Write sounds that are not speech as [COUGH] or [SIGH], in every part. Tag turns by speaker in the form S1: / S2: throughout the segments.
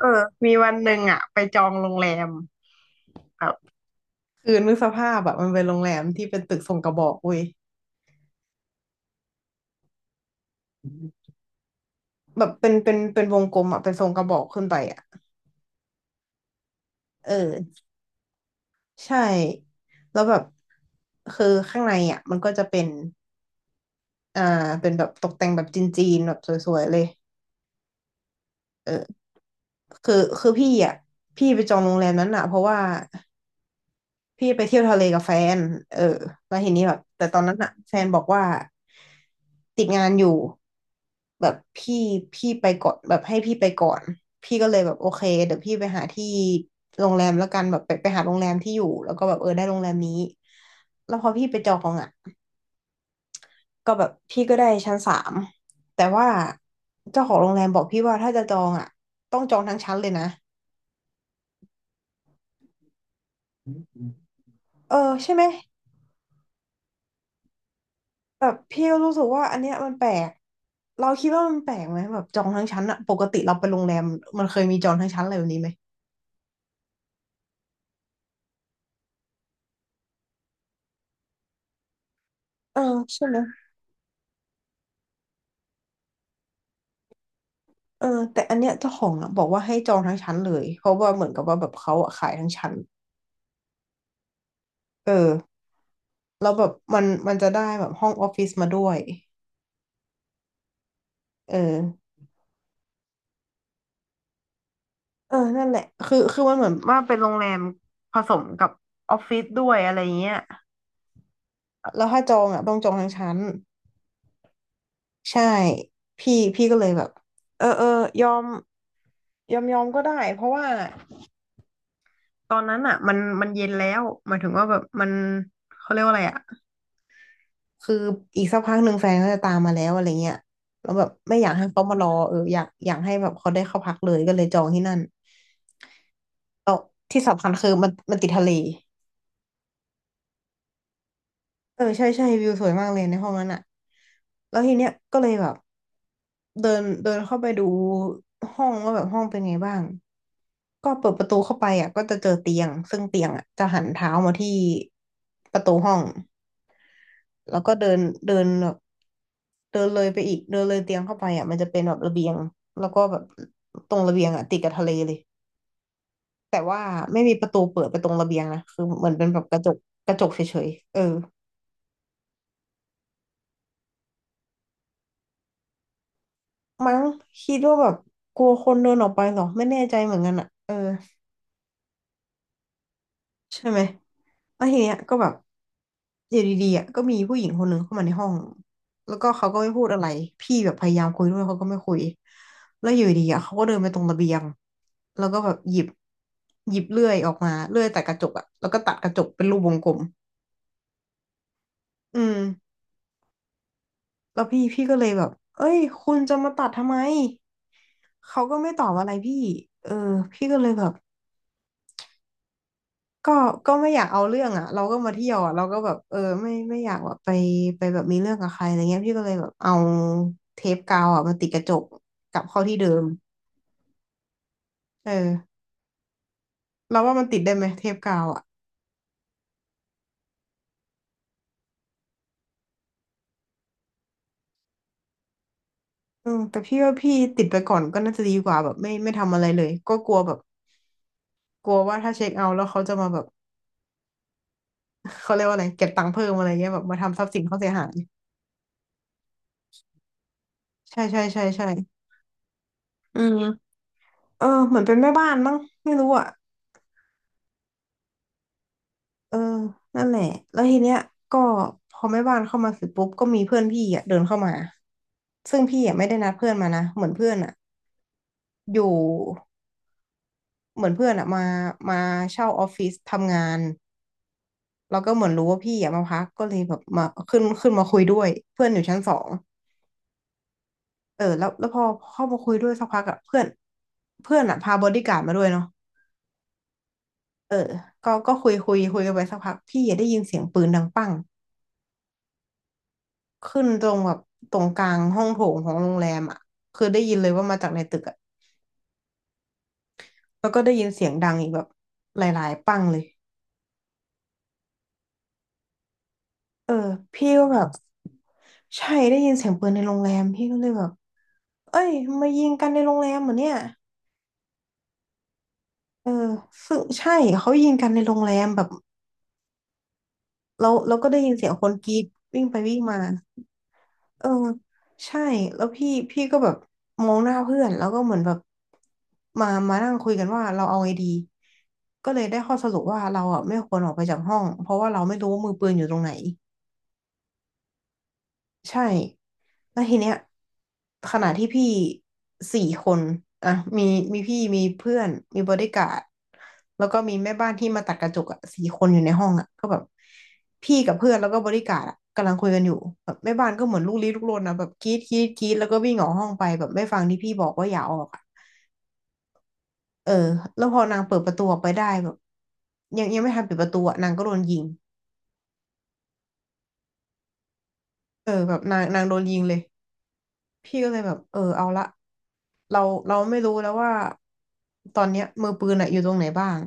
S1: เออมีวันหนึ่งอ่ะไปจองโรงแรมแบบคือนึกสภาพแบบมันเป็นโรงแรมที่เป็นตึกทรงกระบอกเว้ยแบบเป็นวงกลมอ่ะเป็นทรงกระบอกขึ้นไปอ่ะเออใช่แล้วแบบคือข้างในอ่ะมันก็จะเป็นอ่าเป็นแบบตกแต่งแบบจีนๆแบบสวยๆเลยเออคือพี่อ่ะพี่ไปจองโรงแรมนั้นอ่ะเพราะว่า พี่ไปเที่ยวทะเลกับแฟนเออแล้วทีนี้แบบแต่ตอนนั้นอะแฟนบอกว่าติดงานอยู่แบบพี่ไปก่อนแบบให้พี่ไปก่อนพี่ก็เลยแบบโอเคเดี๋ยวพี่ไปหาที่โรงแรมแล้วกันแบบไปหาโรงแรมที่อยู่แล้วก็แบบเออได้โรงแรมนี้แล้วพอพี่ไปจองอ่ะก็แบบพี่ก็ได้ชั้นสามแต่ว่าเจ้าของโรงแรมบอกพี่ว่าถ้าจะจองอ่ะต้องจองทั้งชั้นเลยนะเออใช่ไหม แบบพี่ก็รู้สึกว่าอันเนี้ยมันแปลกเราคิดว่ามันแปลกไหมแบบจองทั้งชั้นอะปกติเราไปโรงแรมมันเคยมีจองทั้งชั้นอะไรแบบนี้ไหมเออใช่ไหมเออแต่อันเนี้ยเจ้าของอะบอกว่าให้จองทั้งชั้นเลยเพราะว่าเหมือนกับว่าแบบเขาอะขายทั้งชั้นเออแล้วแบบมันจะได้แบบห้องออฟฟิศมาด้วยเออเออนั่นแหละคือมันเหมือนว่าเป็นโรงแรมผสมกับออฟฟิศด้วยอะไรเงี้ยแล้วถ้าจองอ่ะต้องจองทั้งชั้น ใช่พี่ก็เลยแบบเออเออยอมยอมก็ได้เพราะว่าตอนนั้นอ่ะมันเย็นแล้วหมายถึงว่าแบบมันเขาเรียกว่าอะไรอ่ะคืออีกสักพักหนึ่งแฟนก็จะตามมาแล้วอะไรเงี้ยแล้วแบบไม่อยากให้เขามารอเอออยากให้แบบเขาได้เข้าพักเลยก็เลยจองที่นั่นแล้วที่สำคัญคือมันติดทะเลเออใช่ใช่วิวสวยมากเลยในห้องนั้นอ่ะแล้วทีเนี้ยก็เลยแบบเดินเดินเข้าไปดูห้องว่าแบบห้องเป็นไงบ้าง ก็เปิดประตูเข้าไปอ่ะก็จะเจอเตียงซึ่งเตียงอ่ะจะหันเท้ามาที่ประตูห้องแล้วก็เดินเดินแบบเดินเลยไปอีกเดินเลยเตียงเข้าไปอ่ะมันจะเป็นแบบระเบียงแล้วก็แบบตรงระเบียงอ่ะติดกับทะเลเลยแต่ว่าไม่มีประตูเปิดไปตรงระเบียงนะคือเหมือนเป็นแบบกระจกกระจกเฉยๆเออมั้งคิดว่าแบบกลัวคนเดินออกไปเหรอไม่แน่ใจเหมือนกันอ่ะเออ ใช่ไหมแล้วทีเนี้ยก็แบบอยู่ดีๆอ่ะก็มีผู้หญิงคนหนึ่งเข้ามาในห้องแล้วก็เขาก็ไม่พูดอะไรพี่แบบพยายามคุยด้วยเขาก็ไม่คุยแล้วอยู่ดีๆอ่ะเขาก็เดินไปตรงระเบียงแล้วก็แบบหยิบเลื่อยออกมาเลื่อยตัดกระจกอ่ะแล้วก็ตัดกระจกเป็นรูปวงกลมอืมแล้วพี่ก็เลยแบบเอ้ยคุณจะมาตัดทำไมเขาก็ไม่ตอบอะไรพี่เออพี่ก็เลยแบบ ก็ไม่อยากเอาเรื่องอ่ะเราก็มาเที่ยวอะเราก็แบบเออไม่อยากแบบไปแบบมีเรื่องกับใครอะไรเงี้ยพี่ก็เลยแบบเอาเทปกาวอ่ะมาติดกระจกกลับเข้าที่เดิมเออเราว่ามันติดได้ไหมเทปกาวอ่ะอืมแต่พี่ว่าพี่ติดไปก่อนก็น่าจะดีกว่าแบบไม่ทำอะไรเลยก็กลัวแบบกลัวว่าถ้าเช็คเอาท์แล้วเขาจะมาแบบ [LAUGHS] เขาเรียกว่าอะไรเก็บตังค์เพิ่มอะไรเงี้ยแบบมาทำทรัพย์สินเขาเสียหายใช่ใช่ใช่ใช่อืมเออเหมือนเป็นแม่บ้านมั้งไม่รู้อ่ะ เออนั่นแหละ แล้วทีเนี้ยก็พอแม่บ้านเข้ามาเสร็จปุ๊บก็มีเพื่อนพี่อ่ะเดินเข้ามา ซึ่งพี่อ่ะไม่ได้นัดเพื่อนมานะเหมือนเพื่อนอ่ะอยู่เหมือนเพื่อนอ่ะมามาเช่าออฟฟิศทำงานแล้วก็เหมือนรู้ว่าพี่อ่ะมาพักก็เลยแบบมาขึ้นมาคุยด้วยเพื่อนอยู่ชั้นสองเออแล้วพอเข้ามาคุยด้วยสักพักอ่ะเพื่อนเพื่อนอ่ะพาบอดี้การ์ดมาด้วยเนาะเออก็คุยกันไปสักพักพี่อ่ะได้ยินเสียงปืนดังปั้ง ขึ้นตรงแบบตรงกลางห้องโถงของโรงแรมอ่ะคือได้ยินเลยว่ามาจากในตึกอ่ะแล้วก็ได้ยินเสียงดังอีกแบบหลายๆปังเลยเออพี่ก็แบบใช่ได้ยินเสียงปืนในโรงแรมพี่ก็เลยแบบเอ้ยมายิงกันในโรงแรมเหรอเนี่ยเออซึ่งใช่เขายิงกันในโรงแรมแบบเราก็ได้ยินเสียงคนกรีดวิ่งไปวิ่งมา เออใช่แล้วพี่ก็แบบมองหน้าเพื่อนแล้วก็เหมือนแบบมานั่งคุยกันว่าเราเอาไงดีก็เลยได้ข้อสรุปว่าเราอ่ะไม่ควรออกไปจากห้องเพราะว่าเราไม่รู้ว่ามือปืนอยู่ตรงไหน ใช่แล้วทีเนี้ยขณะที่พี่สี่คนอ่ะมีมีพี่มีเพื่อนมีบอดี้การ์ดแล้วก็มีแม่บ้านที่มาตัดกระจกอ่ะสี่คนอยู่ในห้องอ่ะก็แบบพี่กับเพื่อนแล้วก็บอดี้การ์ดอ่ะกำลังคุยกันอยู่แบบแม่บ้านก็เหมือนลูกลี้ลุกลนนะแบบกรี๊ดกรี๊ดกรี๊ดแล้วก็วิ่งออกห้องไปแบบไม่ฟังที่พี่บอกว่าอย่าออกอ่ะเออแล้วพอนางเปิดประตูออกไปได้แบบยังไม่ทันปิดประตูอ่ะนางก็โดนยิงเออแบบนางนางโดนยิงเลย พี่ก็เลยแบบเออเอาละเราเราไม่รู้แล้วว่าตอนเนี้ยมือปืนอะอยู่ตรงไหนบ้าง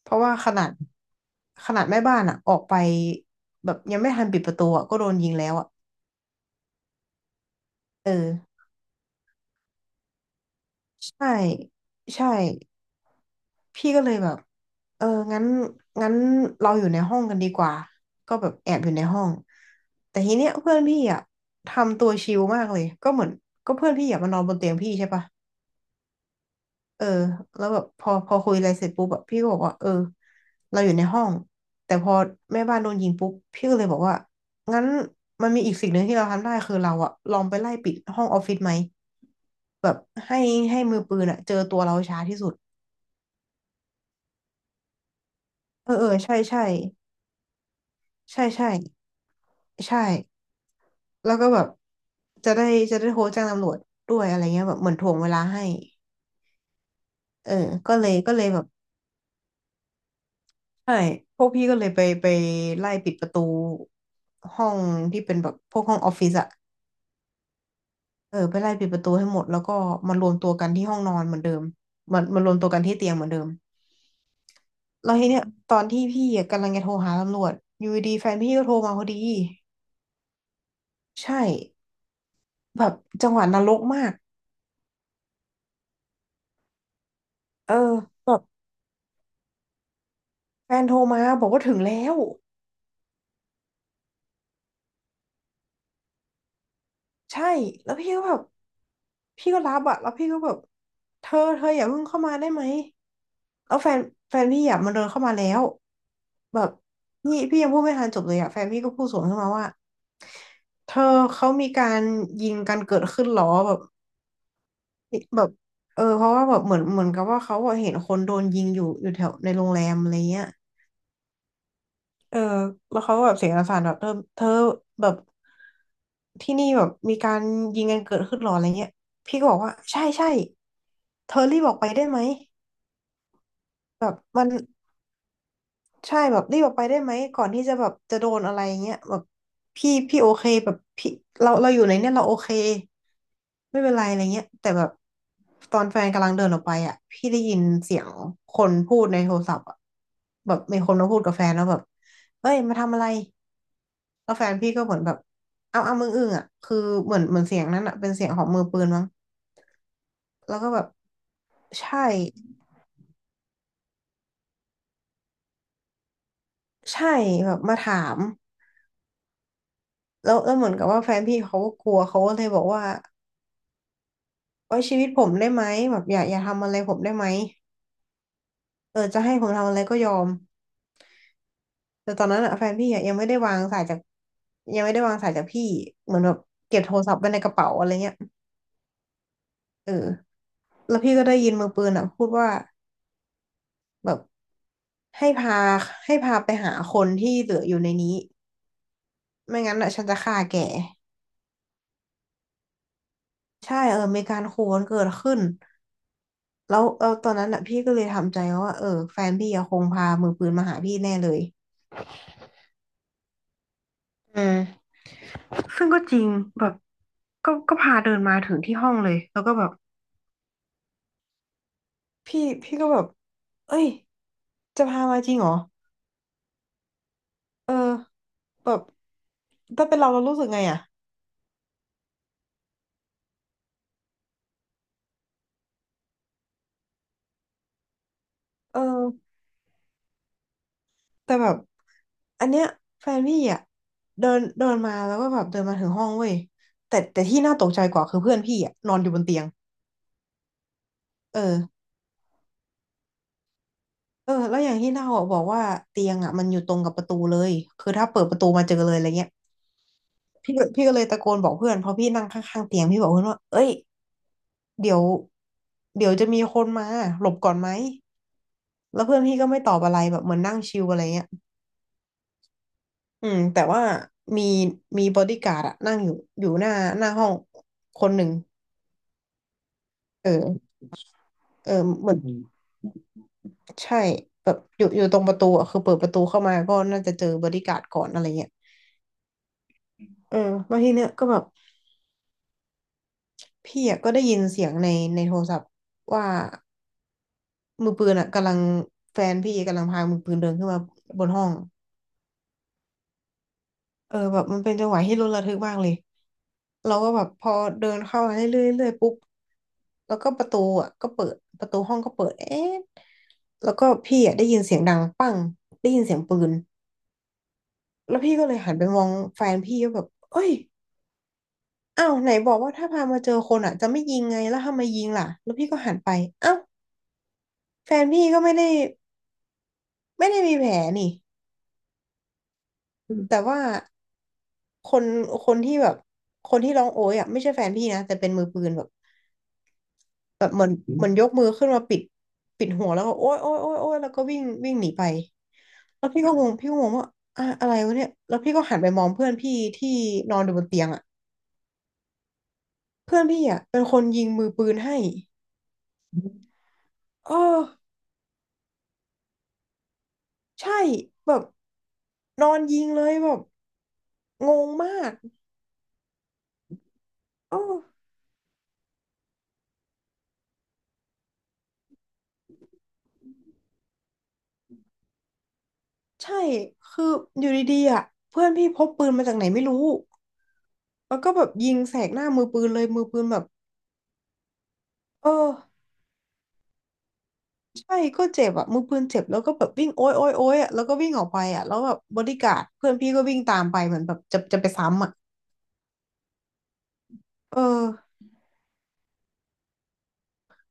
S1: เพราะว่าขนาดขนาดแม่บ้านอะออกไปแบบยังไม่ทันปิดประตูอะก็โดนยิงแล้วอะเออใช่ใช่พี่ก็เลยแบบเอองั้นงั้นเราอยู่ในห้องกันดีกว่าก็แบบแอบอยู่ในห้องแต่ทีเนี้ยเพื่อนพี่อ่ะทำตัวชิลมากเลยก็เหมือนก็เพื่อนพี่อ่ะมานอนบนเตียงพี่ใช่ปะ เออแล้วแบบพอคุยอะไรเสร็จปุ๊บแบบพี่ก็บอกว่าเออเราอยู่ในห้องแต่พอแม่บ้านโดนยิงปุ๊บพี่ก็เลยบอกว่างั้นมันมีอีกสิ่งหนึ่งที่เราทำได้คือเราอะลองไปไล่ปิดห้องออฟฟิศไหมแบบให้ให้มือปืนอะเจอตัวเราช้าที่สุดเออเออใช่ใช่ใช่ใช่ใช่แล้วก็แบบจะได้จะได้โทรแจ้งตำรวจด้วยอะไรเงี้ยแบบเหมือนถ่วงเวลาให้เออก็เลยแบบ ใช่ พวกพี่ก็เลยไปไล่ปิดประตูห้องที่เป็นแบบพวกห้องออฟฟิศอะเออไปไล่ปิดประตูให้หมดแล้วก็มารวมตัวกันที่ห้องนอนเหมือนเดิมมันรวมตัวกันที่เตียงเหมือนเดิมแล้วทีเนี้ยตอนที่พี่อะกำลังจะโทรหาตำรวจอยู่ดีๆแฟนพี่ก็โทรมาพอดีใช่แบบจังหวะนรกมากเออแบบแฟนโทรมาบอกว่าถึงแล้วใช่แล้วพี่ก็แบบ พี่ก็รับอะแล้วพี่ก็แบบเธออย่าเพิ่งเข้ามาได้ไหมแล้วแฟนแฟนพี่อะมันเดินเข้ามาแล้วแบบนี่พี่ยังพูดไม่ทันจบเลยอะแฟนพี่ก็พูดสวนขึ้นมาว่าเธอเขามีการยิงกันเกิดขึ้นเหรอแบบแบบเออเพราะว่าแบบเหมือนเหมือนกับว่าเขาอะเห็นคนโดนยิงอยู่อยู่แถวในโรงแรมอะไรเงี้ย เออแล้วเขาก็แบบเสียงสั่นๆแบบเธอแบบที่นี่แบบมีการยิงกันเกิดขึ้นหรออะไรเงี้ยพี่ก็บอกว่าใช่ใช่เธอรีบออกไปได้ไหมแบบมันใช่แบบรีบออกไปได้ไหมก่อนที่จะแบบจะโดนอะไรเงี้ยแบบพี่โอเคแบบพี่เราอยู่ในเนี่ยเราโอเคไม่เป็นไรอะไรเงี้ยแต่แบบตอนแฟนกำลังเดินออกไปอ่ะพี่ได้ยินเสียงคนพูดในโทรศัพท์อ่ะแบบมีคนมาพูดกับแฟนแล้วแบบเอ้ยมาทำอะไร แล้วแฟนพี่ก็เหมือนแบบเอามึงอึ้งอ่ะคือเหมือนเหมือนเสียงนั้นอ่ะเป็นเสียงของมือปืนมั้งแล้วก็แบบใช่ใช่แบบมาถามแล้วแล้วเหมือนกับว่าแฟนพี่เขาก็กลัวเขาก็เลยบอกว่าไว้ชีวิตผมได้ไหมแบบอย่าทำอะไรผมได้ไหมเออจะให้ผมทำอะไรก็ยอมแต่ตอนนั้นอ่ะแฟนพี่อะยังไม่ได้วางสายจากยังไม่ได้วางสายจากพี่เหมือนแบบเก็บโทรศัพท์ไว้ในกระเป๋าอะไรเงี้ยเออแล้วพี่ก็ได้ยินมือปืนอ่ะพูดว่าแบบ ให้พาให้พาไปหาคนที่เหลืออยู่ในนี้ไม่งั้นอ่ะฉันจะฆ่าแกใช่เออมีการขู่กันเกิดขึ้นแล้วเออตอนนั้นอ่ะพี่ก็เลยทำใจว่าเออแฟนพี่อะคงพามือปืนมาหาพี่แน่เลยอืมซึ่งก็จริงแบบก็พาเดินมาถึงที่ห้องเลยแล้วก็แบบพี่ก็แบบเอ้ยจะพามาจริงเหรอเออแบบถ้าเป็นเรารู้สึกไงอ่ะเออ แต่แบบอันเนี้ยแฟนพี่อ่ะเดินเดินมาแล้วก็แบบเดินมาถึงห้องเว้ยแต่ที่น่าตกใจกว่าคือเพื่อนพี่อ่ะนอนอยู่บนเตียงเออเออแล้วอย่างที่เล่าอะบอกว่าเตียงอ่ะมันอยู่ตรงกับประตูเลยคือถ้าเปิดประตูมาเจอเลยอะไรเงี้ยพี่ก็เลยตะโกนบอกเพื่อนเพราะพี่นั่งข้างๆเตียงพี่บอกเพื่อนว่าเอ้ยเดี๋ยวเดี๋ยวจะมีคนมาหลบก่อนไหมแล้วเพื่อนพี่ก็ไม่ตอบอะไรแบบเหมือนนั่งชิลอะไรเงี้ยอืมแต่ว่ามีมีบอดี้การ์ดอะนั่งอยู่อยู่หน้าหน้าห้องคนหนึ่ง เออเออเหมือนอืมใช่แบบอยู่ตรงประตูอ่ะคือเปิดประตูเข้ามาก็น่าจะเจอบอดี้การ์ดก่อนอะไรเงี้ยเออแล้วทีเนี้ยก็แบบพี่อ่ะก็ได้ยินเสียงในโทรศัพท์ว่ามือปืนอ่ะกำลังแฟนพี่กำลังพามือปืนเดินขึ้นมาบนห้องเออแบบมันเป็นจังหวะที่ลุ้นระทึกมากเลยเราก็แบบพอเดินเข้ามาเรื่อยๆเรื่อยๆปุ๊บแล้วก็ประตูอ่ะก็เปิดประตูห้องก็เปิดเอ๊ะแล้วก็พี่อ่ะได้ยินเสียงดังปังได้ยินเสียงปืน แล้วพี่ก็เลยหันไปมองแฟนพี่ก็แบบเอ้ยอ้าวไหนบอกว่าถ้าพามาเจอคนอ่ะจะไม่ยิงไงแล้วทำไมยิงล่ะแล้วพี่ก็หันไปอ้าวแฟนพี่ก็ไม่ได้มีแผลนี่อืมแต่ว่าคนคนที่แบบคนที่ร้องโอ๊ยอ่ะไม่ใช่แฟนพี่นะแต่เป็นมือปืนแบบแบบเหมือนเหมือนยกมือขึ้นมาปิดปิดหัวแล้วก็โอ๊ยโอ๊ยโอ๊ยโอ๊ยแล้วก็วิ่งวิ่งหนีไปแล้วพี่ก็งงว่าอะไรวะเนี่ยแล้วพี่ก็หันไปมองเพื่อนพี่ที่นอนอยู่บนเตียงอ่ะเพื่อนพี่อ่ะเป็นคนยิงมือปืนให้ เออใช่แบบนอนยิงเลยแบบงงมากเออใช่คืออยู่ดีๆอ่ะเพื่อนพี่พกปืนมาจากไหนไม่รู้แล้วก็แบบยิงแสกหน้ามือปืนเลยมือปืนแบบเออใช่ก็เจ็บอ่ะมือปืนเจ็บแล้วก็แบบวิ่งโอ๊ยโอ๊ยโอ๊ยอ่ะแล้วก็วิ่งออกไปอ่ะแล้วแบบบอดี้การ์ดเพื่อนพี่ก็วิ่งตามไปเหมือนแบบจะไปซ้ำอ่ะเออ